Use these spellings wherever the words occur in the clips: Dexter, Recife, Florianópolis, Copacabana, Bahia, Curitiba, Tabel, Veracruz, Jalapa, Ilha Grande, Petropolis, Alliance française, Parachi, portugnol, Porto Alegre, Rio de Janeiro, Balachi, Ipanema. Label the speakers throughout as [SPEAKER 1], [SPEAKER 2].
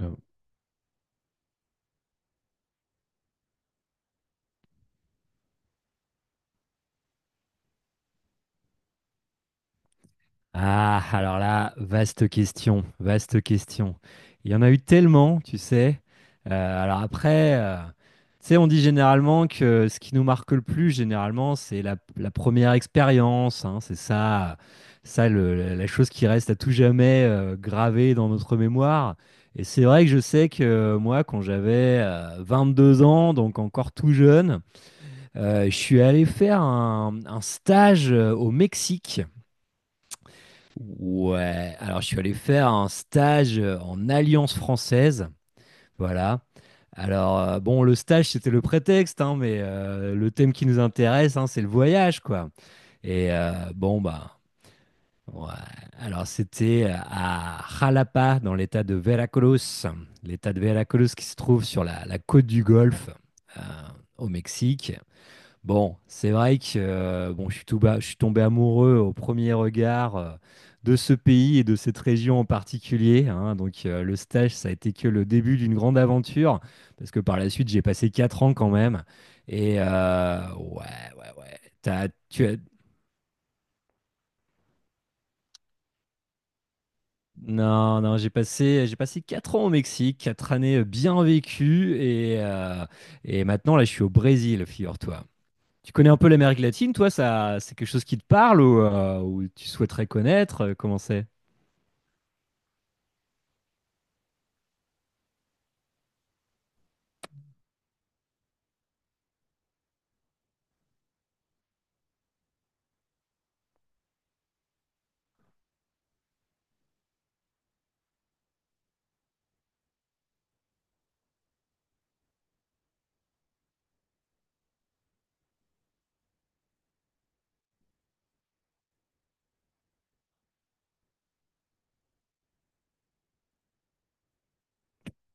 [SPEAKER 1] Euh, Ah, alors là, vaste question, vaste question. Il y en a eu tellement, tu sais. Alors après, tu sais, on dit généralement que ce qui nous marque le plus, généralement, c'est la première expérience. Hein. C'est ça, ça la chose qui reste à tout jamais, gravée dans notre mémoire. Et c'est vrai que je sais que moi, quand j'avais 2 ans, donc encore tout jeune, je suis allé faire un stage, au Mexique. Ouais, alors je suis allé faire un stage, en Alliance française. Voilà. Alors, bon, le stage, c'était le prétexte, hein, mais, le thème qui nous intéresse, hein, c'est le voyage, quoi. Et, bon, bah, ouais. Alors, c'était, à Jalapa, dans l'état de Veracruz. L'état de Veracruz qui se trouve sur la côte du Golfe, euh, au Mexique. Bon, c'est vrai que, bon, je suis tombé amoureux au premier regard, de ce pays et de cette région en particulier. Hein. Donc, le stage, ça a été que le début d'une grande aventure, parce que par la suite, j'ai passé 4 ans quand même. Et, ouais, ouais, ouais. Non, non, j'ai passé 4 ans au Mexique, 4 années , bien vécues, et maintenant là, je suis au Brésil, figure-toi. Tu connais un peu l'Amérique latine, toi, ça, c'est quelque chose qui te parle ou tu souhaiterais connaître? Comment c'est?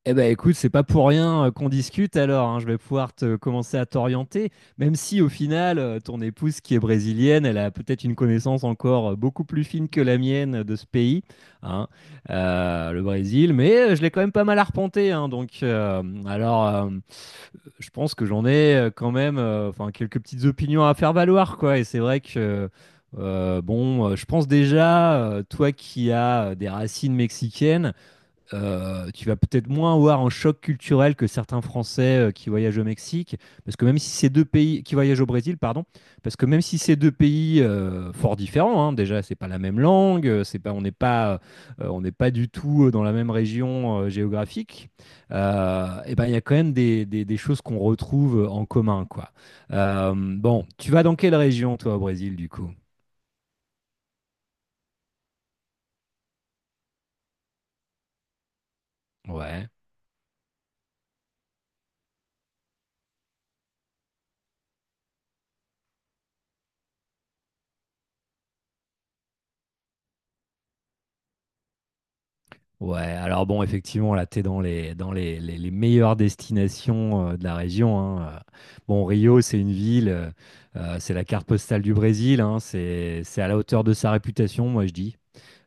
[SPEAKER 1] Eh ben écoute, c'est pas pour rien, qu'on discute alors, hein, je vais pouvoir te commencer à t'orienter, même si au final, ton épouse qui est brésilienne, elle a peut-être une connaissance encore, beaucoup plus fine que la mienne, de ce pays, hein, le Brésil, mais, je l'ai quand même pas mal arpenté, hein, donc, je pense que j'en ai, quand même, enfin, quelques petites opinions à faire valoir, quoi. Et c'est vrai que, bon, je pense déjà, toi qui as des racines mexicaines, tu vas peut-être moins avoir un choc culturel que certains Français, qui voyagent au Mexique, parce que même si ces deux pays qui voyagent au Brésil, pardon, parce que même si ces deux pays, fort différents, hein, déjà c'est pas la même langue, c'est pas, on n'est pas, on n'est pas du tout, dans la même région, géographique, et ben il y a quand même des choses qu'on retrouve en commun, quoi. Bon, tu vas dans quelle région toi au Brésil du coup? Ouais. Ouais, alors bon, effectivement, là, t'es dans les meilleures destinations, de la région. Hein. Bon, Rio, c'est une ville, c'est la carte postale du Brésil, hein, c'est à la hauteur de sa réputation, moi je dis.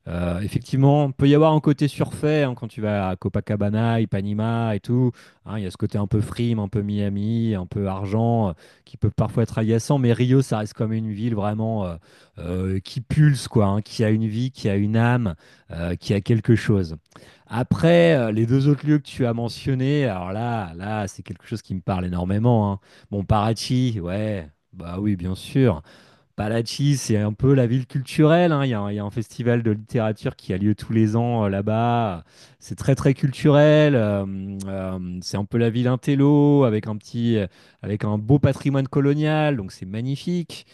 [SPEAKER 1] Effectivement, il peut y avoir un côté surfait hein, quand tu vas à Copacabana, Ipanema et tout. Hein, il y a ce côté un peu frime, un peu Miami, un peu argent, qui peut parfois être agaçant. Mais Rio, ça reste comme une ville vraiment, qui pulse, quoi, hein, qui a une vie, qui a une âme, qui a quelque chose. Après, les deux autres lieux que tu as mentionnés, alors là, c'est quelque chose qui me parle énormément. Hein. Bon, Parachi, ouais, bah oui, bien sûr. Balachi, c'est un peu la ville culturelle. Hein. Il y a un festival de littérature qui a lieu tous les ans, là-bas. C'est très très culturel. C'est un peu la ville intello avec un beau patrimoine colonial. Donc c'est magnifique.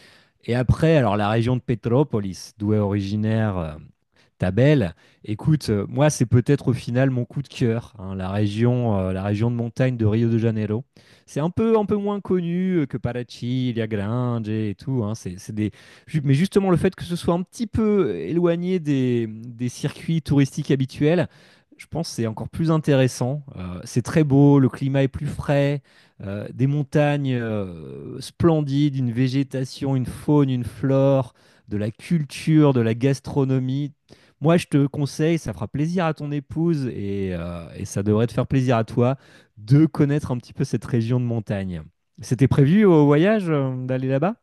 [SPEAKER 1] Et après, alors la région de Petropolis, d'où est originaire, Tabel. Écoute, moi c'est peut-être au final mon coup de cœur, hein, la région de montagne de Rio de Janeiro. C'est un peu moins connu, que Parachi, Ilha Grande et tout. Hein. Mais justement, le fait que ce soit un petit peu éloigné des circuits touristiques habituels, je pense que c'est encore plus intéressant. C'est très beau, le climat est plus frais, des montagnes, splendides, une végétation, une faune, une flore, de la culture, de la gastronomie. Moi, je te conseille, ça fera plaisir à ton épouse et ça devrait te faire plaisir à toi de connaître un petit peu cette région de montagne. C'était prévu au voyage, d'aller là-bas.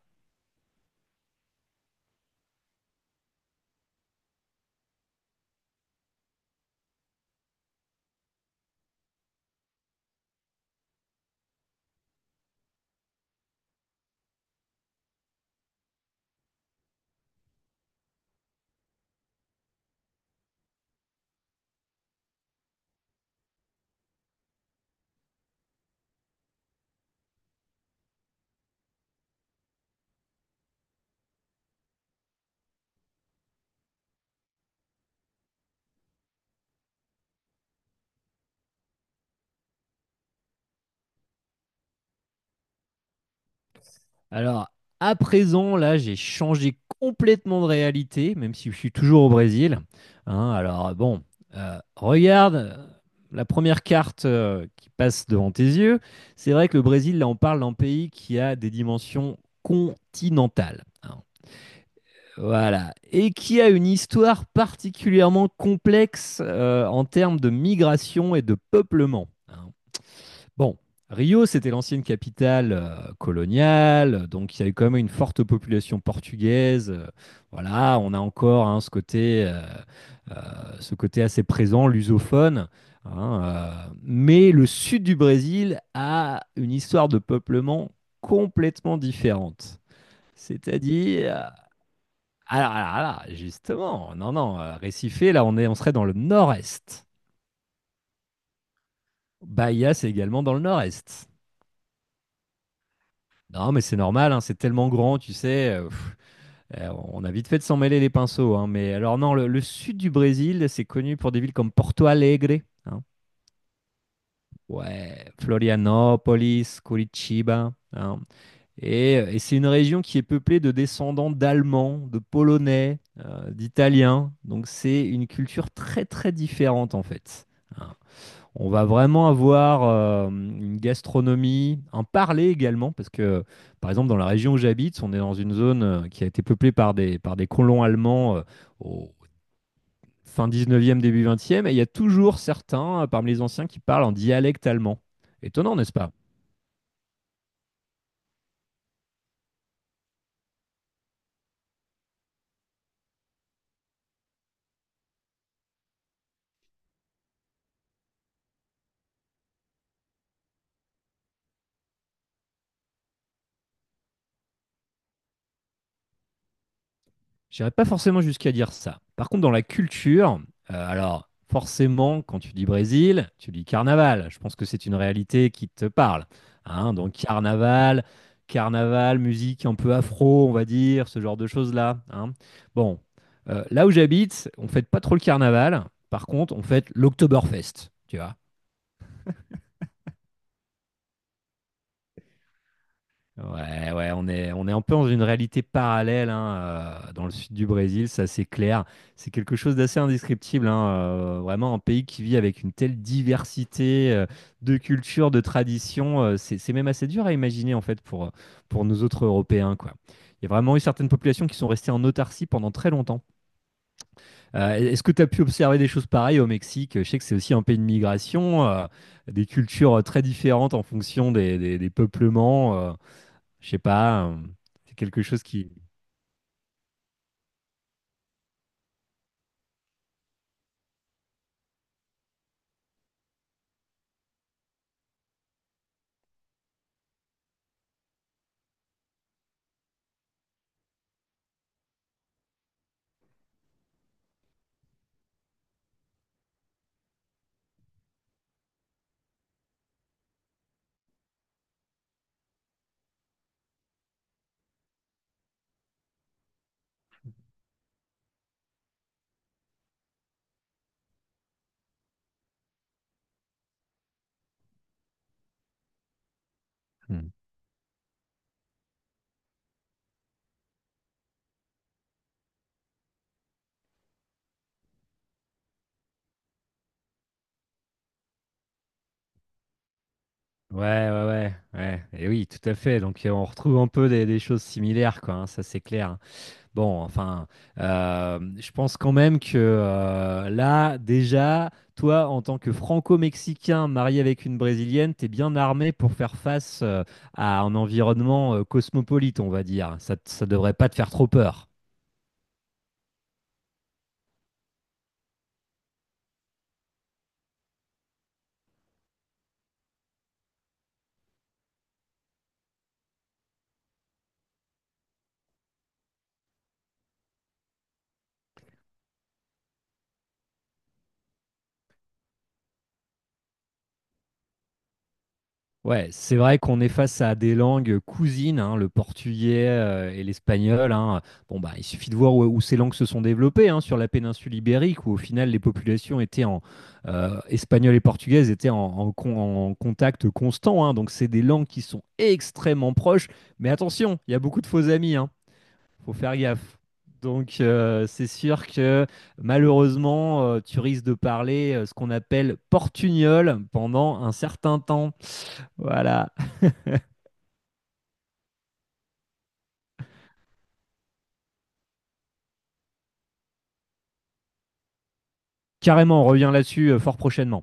[SPEAKER 1] Alors, à présent, là, j'ai changé complètement de réalité, même si je suis toujours au Brésil. Hein, alors, bon, regarde, la première carte, qui passe devant tes yeux. C'est vrai que le Brésil, là, on parle d'un pays qui a des dimensions continentales. Hein. Voilà. Et qui a une histoire particulièrement complexe, en termes de migration et de peuplement. Hein. Bon, Rio, c'était l'ancienne capitale, coloniale, donc il y a eu quand même une forte population portugaise. Voilà, on a encore hein, ce côté assez présent, lusophone. Hein, mais le sud du Brésil a une histoire de peuplement complètement différente. C'est-à-dire, alors, justement, non, non, Recife, là, on serait dans le nord-est. Bahia, c'est également dans le nord-est. Non, mais c'est normal, hein, c'est tellement grand, tu sais. On a vite fait de s'en mêler les pinceaux. Hein, mais alors, non, le sud du Brésil, c'est connu pour des villes comme Porto Alegre. Hein, ouais, Florianópolis, Curitiba. Hein, et c'est une région qui est peuplée de descendants d'Allemands, de Polonais, d'Italiens. Donc, c'est une culture très, très différente, en fait. Hein. On va vraiment avoir, une gastronomie, un parler également, parce que, par exemple, dans la région où j'habite, on est dans une zone, qui a été peuplée par des colons allemands, au fin 19e, début 20e, et il y a toujours certains, parmi les anciens qui parlent en dialecte allemand. Étonnant, n'est-ce pas? J'irais pas forcément jusqu'à dire ça. Par contre, dans la culture, alors forcément, quand tu dis Brésil, tu dis carnaval. Je pense que c'est une réalité qui te parle. Hein. Donc carnaval, musique un peu afro, on va dire, ce genre de choses-là. Hein. Bon, là où j'habite, on fête pas trop le carnaval. Par contre, on fête l'Oktoberfest. Tu vois. Ouais, ouais, on est un peu dans une réalité parallèle hein, dans le sud du Brésil, ça c'est clair. C'est quelque chose d'assez indescriptible, hein, vraiment un pays qui vit avec une telle diversité, de cultures, de traditions, c'est même assez dur à imaginer en fait pour nous autres Européens, quoi. Il y a vraiment eu certaines populations qui sont restées en autarcie pendant très longtemps. Est-ce que tu as pu observer des choses pareilles au Mexique? Je sais que c'est aussi un pays de migration, des cultures, très différentes en fonction des peuplements. Je sais pas, c'est quelque chose qui. Hmm. Ouais, ouais, ouais, ouais. Et oui, tout à fait. Donc, on retrouve un peu des choses similaires, quoi. Hein, ça, c'est clair. Bon, enfin, je pense quand même que, là, déjà, toi, en tant que franco-mexicain marié avec une brésilienne, t'es bien armé pour faire face, à un environnement, cosmopolite, on va dire. Ça, ça devrait pas te faire trop peur. Ouais, c'est vrai qu'on est face à des langues cousines, hein, le portugais, et l'espagnol. Hein. Bon, bah, il suffit de voir où ces langues se sont développées, hein, sur la péninsule ibérique, où au final les populations étaient en espagnol et portugaises étaient en contact constant. Hein. Donc c'est des langues qui sont extrêmement proches. Mais attention, il y a beaucoup de faux amis. Hein. Faut faire gaffe. Donc, c'est sûr que malheureusement, tu risques de parler, ce qu'on appelle portugnol pendant un certain temps. Voilà. Carrément, on revient là-dessus, fort prochainement.